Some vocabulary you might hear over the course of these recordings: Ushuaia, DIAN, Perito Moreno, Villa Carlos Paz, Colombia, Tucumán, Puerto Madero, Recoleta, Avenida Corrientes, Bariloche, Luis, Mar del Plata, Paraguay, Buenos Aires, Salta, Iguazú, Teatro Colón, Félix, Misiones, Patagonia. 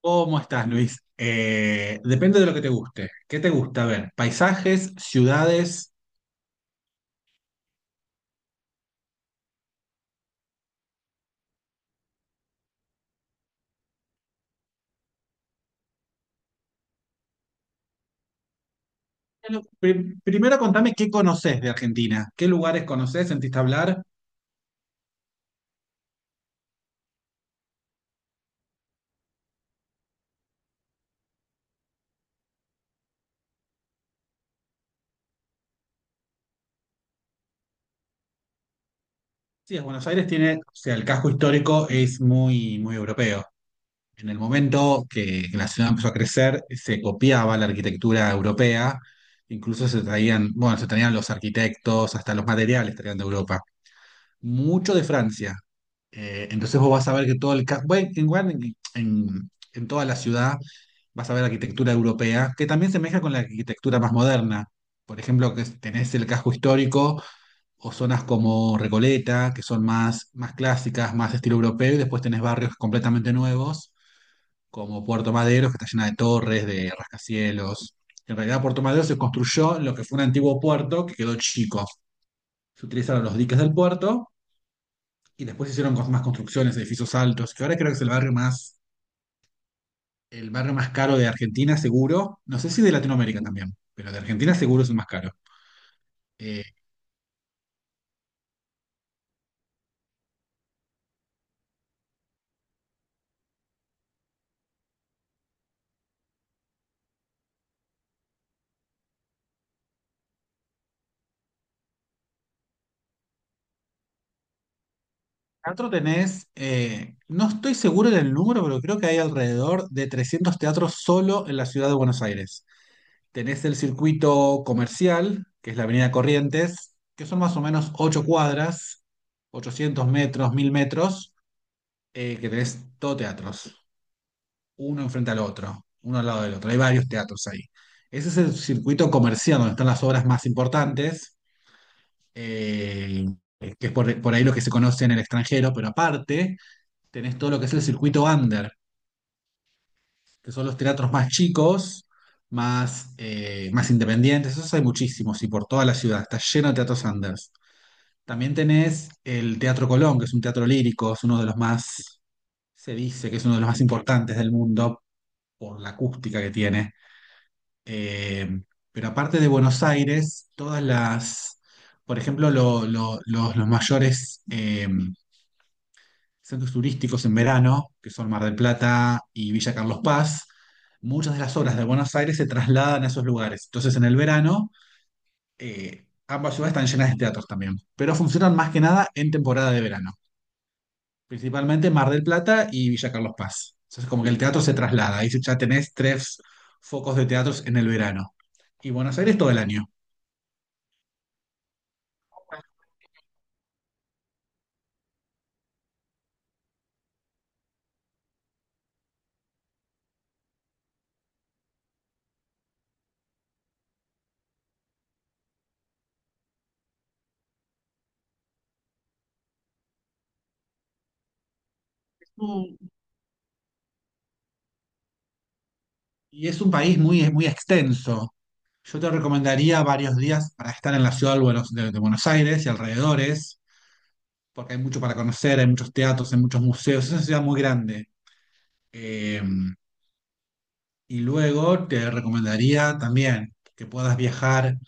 ¿Cómo estás, Luis? Depende de lo que te guste. ¿Qué te gusta? A ver, paisajes, ciudades. Bueno, primero contame qué conoces de Argentina. ¿Qué lugares conoces? ¿Sentiste hablar? Sí, es Buenos Aires tiene, o sea, el casco histórico es muy, muy europeo. En el momento que la ciudad empezó a crecer, se copiaba la arquitectura europea. Incluso se traían los arquitectos, hasta los materiales traían de Europa, mucho de Francia. Entonces vos vas a ver que bueno, en toda la ciudad vas a ver arquitectura europea, que también se mezcla con la arquitectura más moderna. Por ejemplo, que tenés el casco histórico o zonas como Recoleta, que son más clásicas, más estilo europeo, y después tenés barrios completamente nuevos, como Puerto Madero, que está llena de torres, de rascacielos. En realidad, Puerto Madero se construyó en lo que fue un antiguo puerto que quedó chico. Se utilizaron los diques del puerto y después hicieron más construcciones, edificios altos, que ahora creo que es el barrio más caro de Argentina, seguro. No sé si de Latinoamérica también, pero de Argentina seguro es el más caro. Eh, Teatro tenés, no estoy seguro del número, pero creo que hay alrededor de 300 teatros solo en la ciudad de Buenos Aires. Tenés el circuito comercial, que es la Avenida Corrientes, que son más o menos 8 cuadras, 800 metros, 1000 metros, que tenés todo teatros. Uno enfrente al otro, uno al lado del otro. Hay varios teatros ahí. Ese es el circuito comercial donde están las obras más importantes, eh, que es por ahí lo que se conoce en el extranjero, pero aparte tenés todo lo que es el circuito under, que son los teatros más chicos, más, más independientes. Esos hay muchísimos y por toda la ciudad. Está lleno de teatros unders. También tenés el Teatro Colón, que es un teatro lírico, es uno de los más, se dice que es uno de los más importantes del mundo por la acústica que tiene. Eh, pero aparte de Buenos Aires, todas las, por ejemplo, los mayores centros turísticos en verano, que son Mar del Plata y Villa Carlos Paz, muchas de las obras de Buenos Aires se trasladan a esos lugares. Entonces, en el verano, ambas ciudades están llenas de teatros también, pero funcionan más que nada en temporada de verano, principalmente Mar del Plata y Villa Carlos Paz. Entonces, como que el teatro se traslada, ahí ya tenés tres focos de teatros en el verano. Y Buenos Aires todo el año. Mm, Y es un país muy, muy extenso. Yo te recomendaría varios días para estar en la ciudad de Buenos Aires y alrededores, porque hay mucho para conocer, hay muchos teatros, hay muchos museos, es una ciudad muy grande. Eh, y luego te recomendaría también que puedas viajar.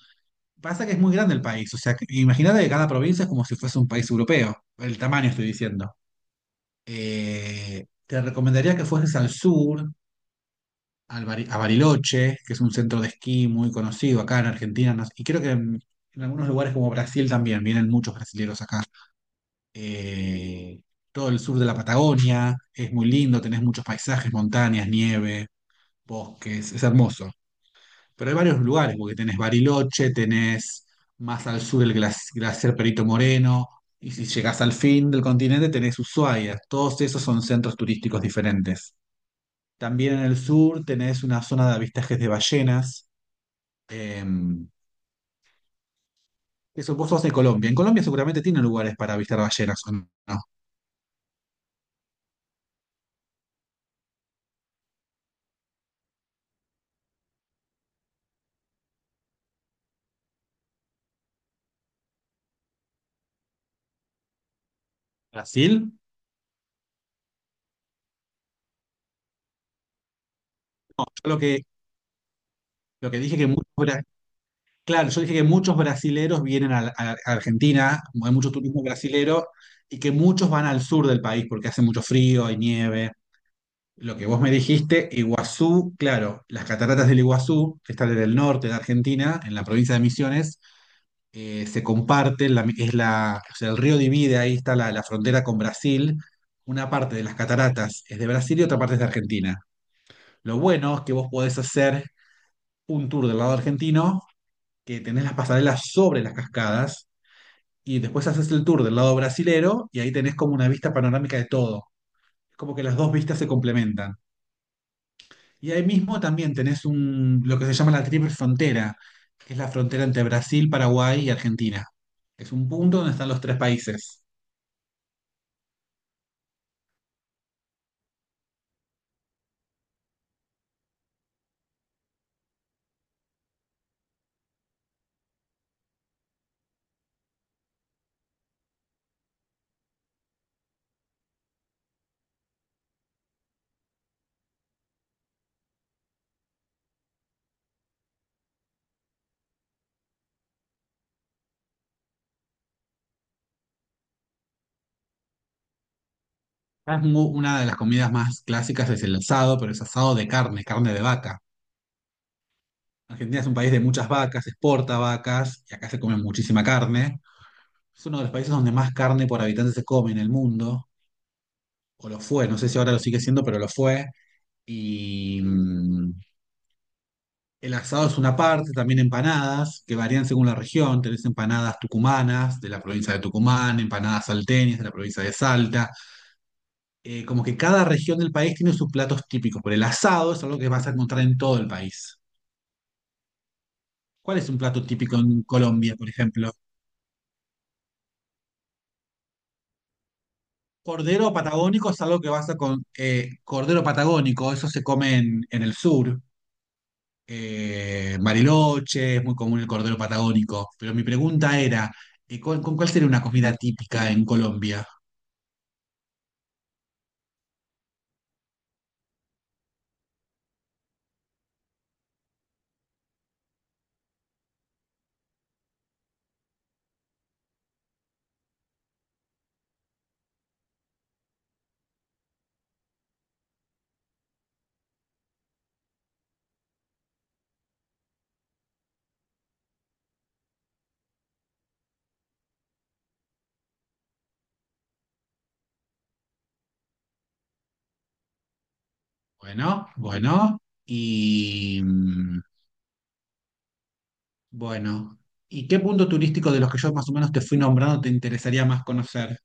Pasa que es muy grande el país, o sea, imagínate que cada provincia es como si fuese un país europeo, el tamaño estoy diciendo. Te recomendaría que fueses al sur, a Bariloche, que es un centro de esquí muy conocido acá en Argentina, y creo que en algunos lugares como Brasil también, vienen muchos brasileros acá. Eh, Todo el sur de la Patagonia es muy lindo, tenés muchos paisajes, montañas, nieve, bosques, es hermoso. Pero hay varios lugares, porque tenés Bariloche, tenés más al sur el glaciar Perito Moreno, y si llegás al fin del continente tenés Ushuaia, todos esos son centros turísticos diferentes. También en el sur tenés una zona de avistajes de ballenas, eh, eso, vos sos de Colombia. En Colombia seguramente tienen lugares para avistar ballenas, ¿o no? ¿Brasil? Yo lo que dije Claro, yo dije que muchos brasileros vienen a Argentina, hay mucho turismo brasilero, y que muchos van al sur del país porque hace mucho frío, hay nieve. Lo que vos me dijiste, Iguazú, claro, las cataratas del Iguazú, que están en el norte de Argentina, en la provincia de Misiones, se comparten, es la, o sea, el río divide, ahí está la frontera con Brasil, una parte de las cataratas es de Brasil y otra parte es de Argentina. Lo bueno es que vos podés hacer un tour del lado argentino, que tenés las pasarelas sobre las cascadas, y después haces el tour del lado brasilero y ahí tenés como una vista panorámica de todo. Es como que las dos vistas se complementan. Y ahí mismo también tenés un, lo que se llama la triple frontera, que es la frontera entre Brasil, Paraguay y Argentina. Es un punto donde están los tres países. Una de las comidas más clásicas es el asado, pero es asado de carne, carne de vaca. Argentina es un país de muchas vacas, exporta vacas y acá se come muchísima carne. Es uno de los países donde más carne por habitante se come en el mundo, o lo fue, no sé si ahora lo sigue siendo, pero lo fue. Y el asado es una parte, también empanadas, que varían según la región. Tenés empanadas tucumanas de la provincia de Tucumán, empanadas salteñas de la provincia de Salta. Como que cada región del país tiene sus platos típicos, pero el asado es algo que vas a encontrar en todo el país. ¿Cuál es un plato típico en Colombia, por ejemplo? Cordero patagónico es algo que vas a con cordero patagónico, eso se come en el sur. Bariloche, es muy común el cordero patagónico. Pero mi pregunta era, ¿con cuál sería una comida típica en Colombia? Bueno, bueno, y bueno. ¿Y qué punto turístico de los que yo más o menos te fui nombrando te interesaría más conocer?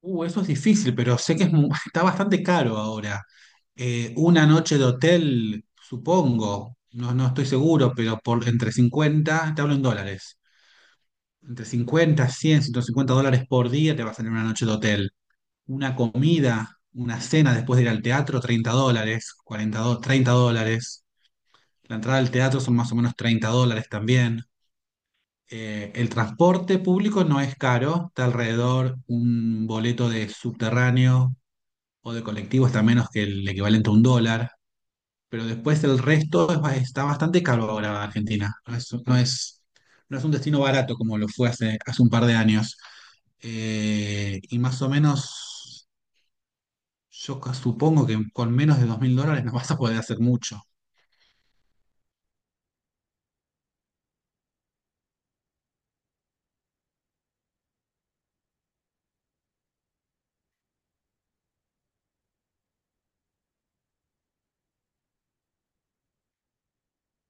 Eso es difícil, pero sé que es está bastante caro ahora. Una noche de hotel, supongo, no, no estoy seguro, pero por entre 50 te hablo en dólares, entre 50, 100, 150 dólares por día te va a salir una noche de hotel. Una comida, una cena después de ir al teatro, 30 dólares, 30 dólares. La entrada al teatro son más o menos 30 dólares también. El transporte público no es caro, está alrededor un boleto de subterráneo o de colectivo está menos que el equivalente a 1 dólar, pero después el resto es está bastante caro ahora Argentina. No es un destino barato como lo fue hace un par de años. Y más o menos, supongo que con menos de 2000 dólares no vas a poder hacer mucho.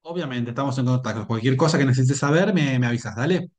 Obviamente, estamos en contacto. Cualquier cosa que necesites saber, me avisas, dale.